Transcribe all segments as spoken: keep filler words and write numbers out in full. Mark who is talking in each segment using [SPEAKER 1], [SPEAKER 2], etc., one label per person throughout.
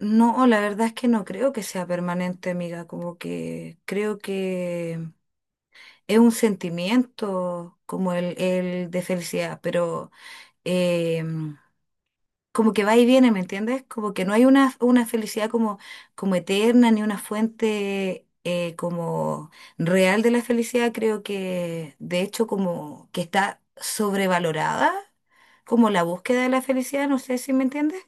[SPEAKER 1] No, la verdad es que no creo que sea permanente, amiga, como que creo que es un sentimiento como el, el de felicidad, pero em, como que va y viene, ¿me entiendes? Como que no hay una, una felicidad como, como eterna ni una fuente eh, como real de la felicidad, creo que de hecho como que está sobrevalorada, como la búsqueda de la felicidad, no sé si me entiendes.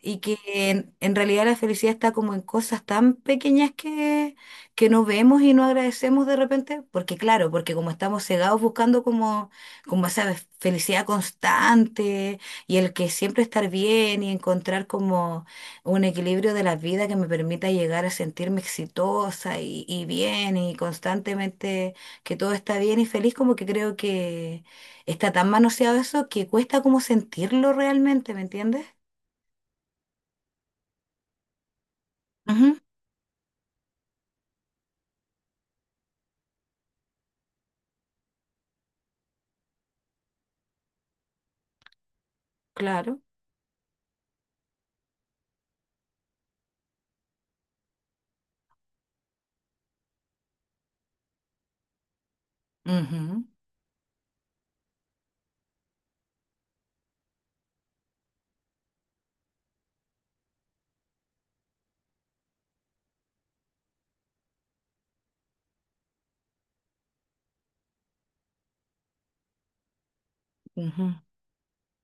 [SPEAKER 1] Y que en, en realidad la felicidad está como en cosas tan pequeñas que, que no vemos y no agradecemos de repente, porque claro, porque como estamos cegados buscando como, como esa fe- felicidad constante y el que siempre estar bien y encontrar como un equilibrio de la vida que me permita llegar a sentirme exitosa y, y bien y constantemente que todo está bien y feliz, como que creo que está tan manoseado eso que cuesta como sentirlo realmente, ¿me entiendes? Claro. Ujú, ujú.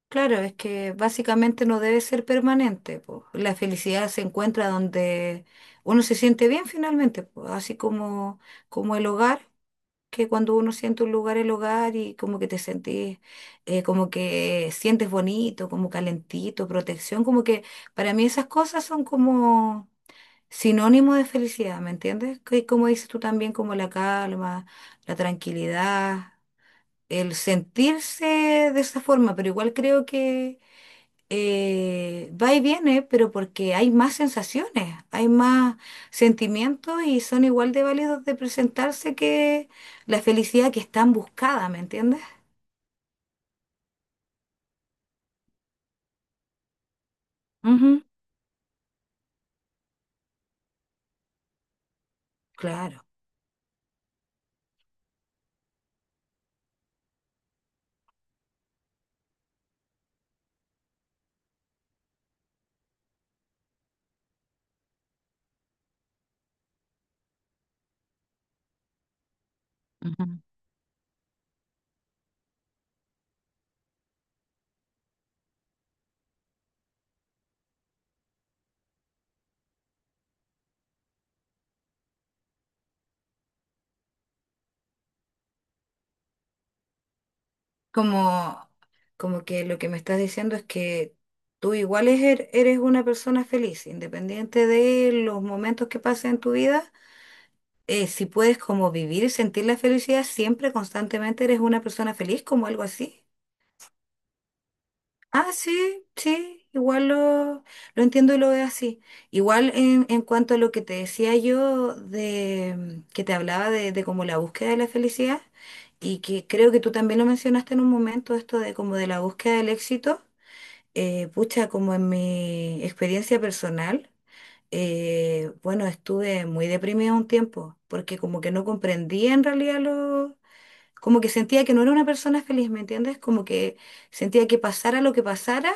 [SPEAKER 1] Claro, es que básicamente no debe ser permanente, po. La felicidad se encuentra donde uno se siente bien finalmente, po. Así como, como el hogar, que cuando uno siente un lugar, el hogar, y como que te sentís, eh, como que sientes bonito, como calentito, protección, como que para mí esas cosas son como sinónimo de felicidad, ¿me entiendes? Que como dices tú también, como la calma, la tranquilidad, el sentirse de esa forma, pero igual creo que eh, va y viene, pero porque hay más sensaciones, hay más sentimientos y son igual de válidos de presentarse que la felicidad que es tan buscada, ¿me entiendes? Ujú. Claro. Ujú. Como, como que lo que me estás diciendo es que tú igual es er eres una persona feliz, independiente de los momentos que pasen en tu vida, eh, si puedes como vivir y sentir la felicidad siempre, constantemente eres una persona feliz, como algo así. Ah, sí, sí, igual lo, lo entiendo y lo veo así. Igual en, en cuanto a lo que te decía yo, de que te hablaba de, de como la búsqueda de la felicidad, y que creo que tú también lo mencionaste en un momento, esto de como de la búsqueda del éxito, eh, pucha, como en mi experiencia personal, eh, bueno, estuve muy deprimida un tiempo, porque como que no comprendía en realidad lo... Como que sentía que no era una persona feliz, ¿me entiendes? Como que sentía que pasara lo que pasara,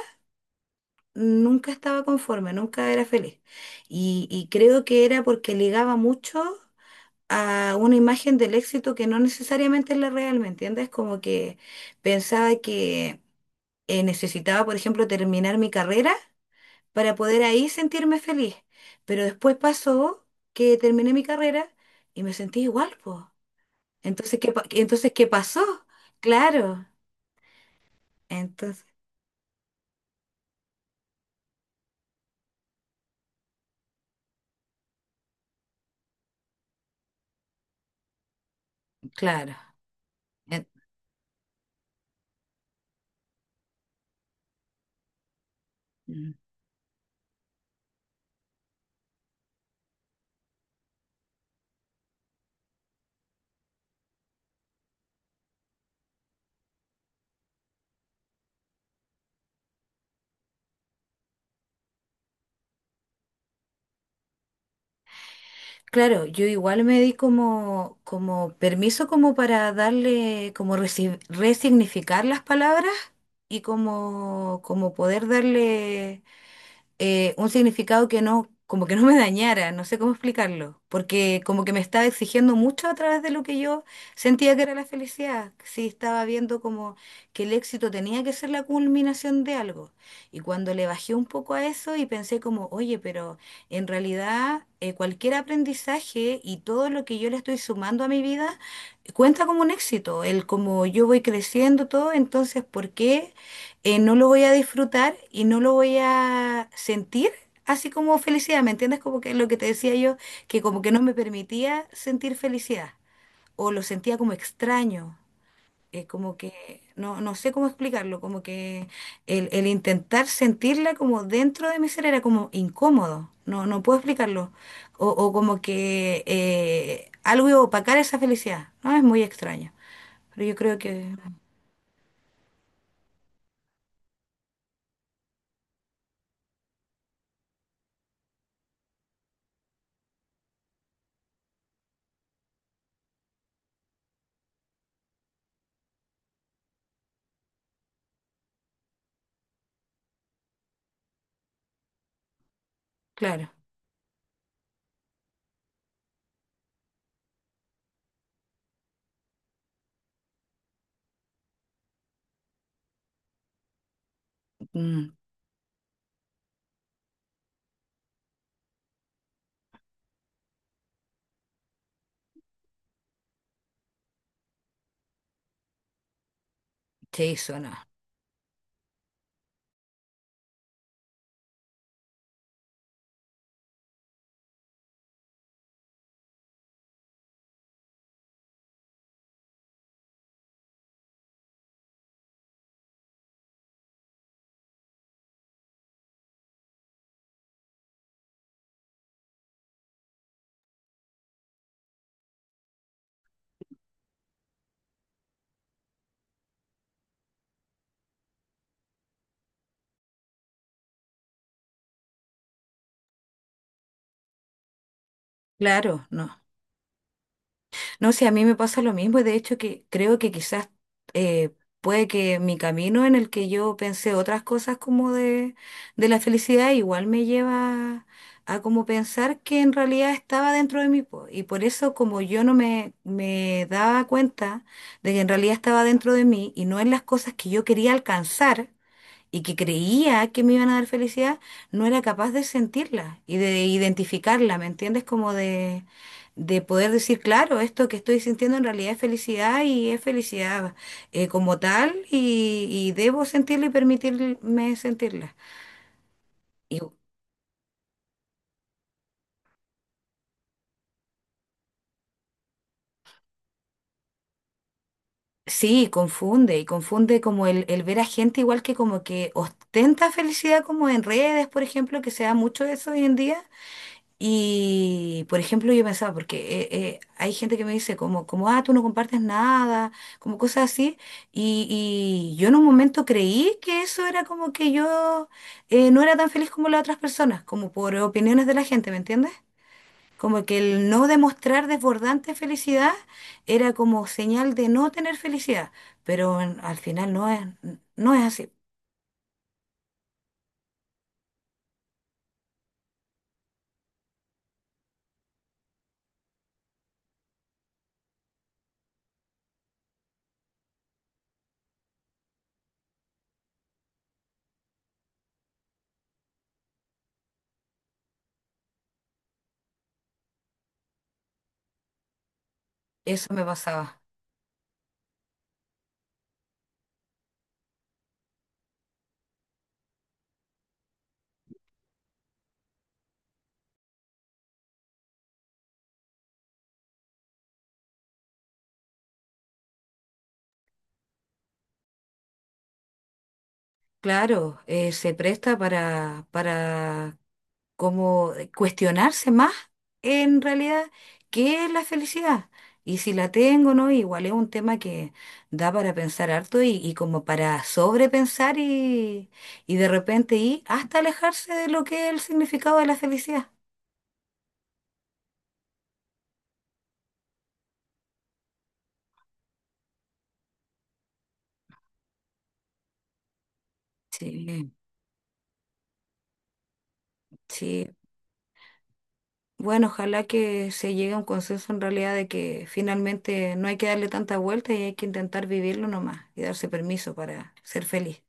[SPEAKER 1] nunca estaba conforme, nunca era feliz. Y, y creo que era porque ligaba mucho a una imagen del éxito que no necesariamente es la real, ¿me entiendes? Como que pensaba que eh, necesitaba, por ejemplo, terminar mi carrera para poder ahí sentirme feliz. Pero después pasó que terminé mi carrera y me sentí igual, pues. Entonces, ¿qué, pa- entonces, ¿qué pasó? Claro, entonces, claro. En- mm. Claro, yo igual me di como, como permiso como para darle, como resi- resignificar las palabras y como, como poder darle eh, un significado que no, como que no me dañara, no sé cómo explicarlo, porque como que me estaba exigiendo mucho a través de lo que yo sentía que era la felicidad, sí estaba viendo como que el éxito tenía que ser la culminación de algo. Y cuando le bajé un poco a eso y pensé como, oye, pero en realidad eh, cualquier aprendizaje y todo lo que yo le estoy sumando a mi vida cuenta como un éxito, el como yo voy creciendo todo, entonces, ¿por qué eh, no lo voy a disfrutar y no lo voy a sentir así como felicidad, ¿me entiendes? Como que lo que te decía yo, que como que no me permitía sentir felicidad o lo sentía como extraño, eh, como que no, no sé cómo explicarlo, como que el, el intentar sentirla como dentro de mi ser era como incómodo, no, no puedo explicarlo, o, o como que eh, algo iba a opacar esa felicidad, ¿no? Es muy extraño, pero yo creo que, claro, mm, sí, eso no, claro, no. No sé, a mí me pasa lo mismo y de hecho que creo que quizás eh, puede que mi camino en el que yo pensé otras cosas como de, de la felicidad igual me lleva a como pensar que en realidad estaba dentro de mí, po. Y por eso como yo no me, me daba cuenta de que en realidad estaba dentro de mí y no en las cosas que yo quería alcanzar y que creía que me iban a dar felicidad, no era capaz de sentirla y de identificarla, ¿me entiendes? Como de, de poder decir, claro, esto que estoy sintiendo en realidad es felicidad y es felicidad eh, como tal y, y debo sentirla y permitirme sentirla. Y sí, confunde, y confunde como el, el ver a gente igual que como que ostenta felicidad como en redes, por ejemplo, que se da mucho eso hoy en día. Y, por ejemplo, yo pensaba, porque eh, eh, hay gente que me dice como, como, ah, tú no compartes nada, como cosas así. Y, y yo en un momento creí que eso era como que yo eh, no era tan feliz como las otras personas, como por opiniones de la gente, ¿me entiendes? Como que el no demostrar desbordante felicidad era como señal de no tener felicidad, pero en- al final no es, no es así. Eso me pasaba. Claro, eh, se presta para, para como cuestionarse más en realidad qué es la felicidad y si la tengo o no, igual es un tema que da para pensar harto y, y como para sobrepensar y, y de repente ir hasta alejarse de lo que es el significado de la felicidad. Sí, sí. Bueno, ojalá que se llegue a un consenso en realidad de que finalmente no hay que darle tanta vuelta y hay que intentar vivirlo nomás y darse permiso para ser feliz.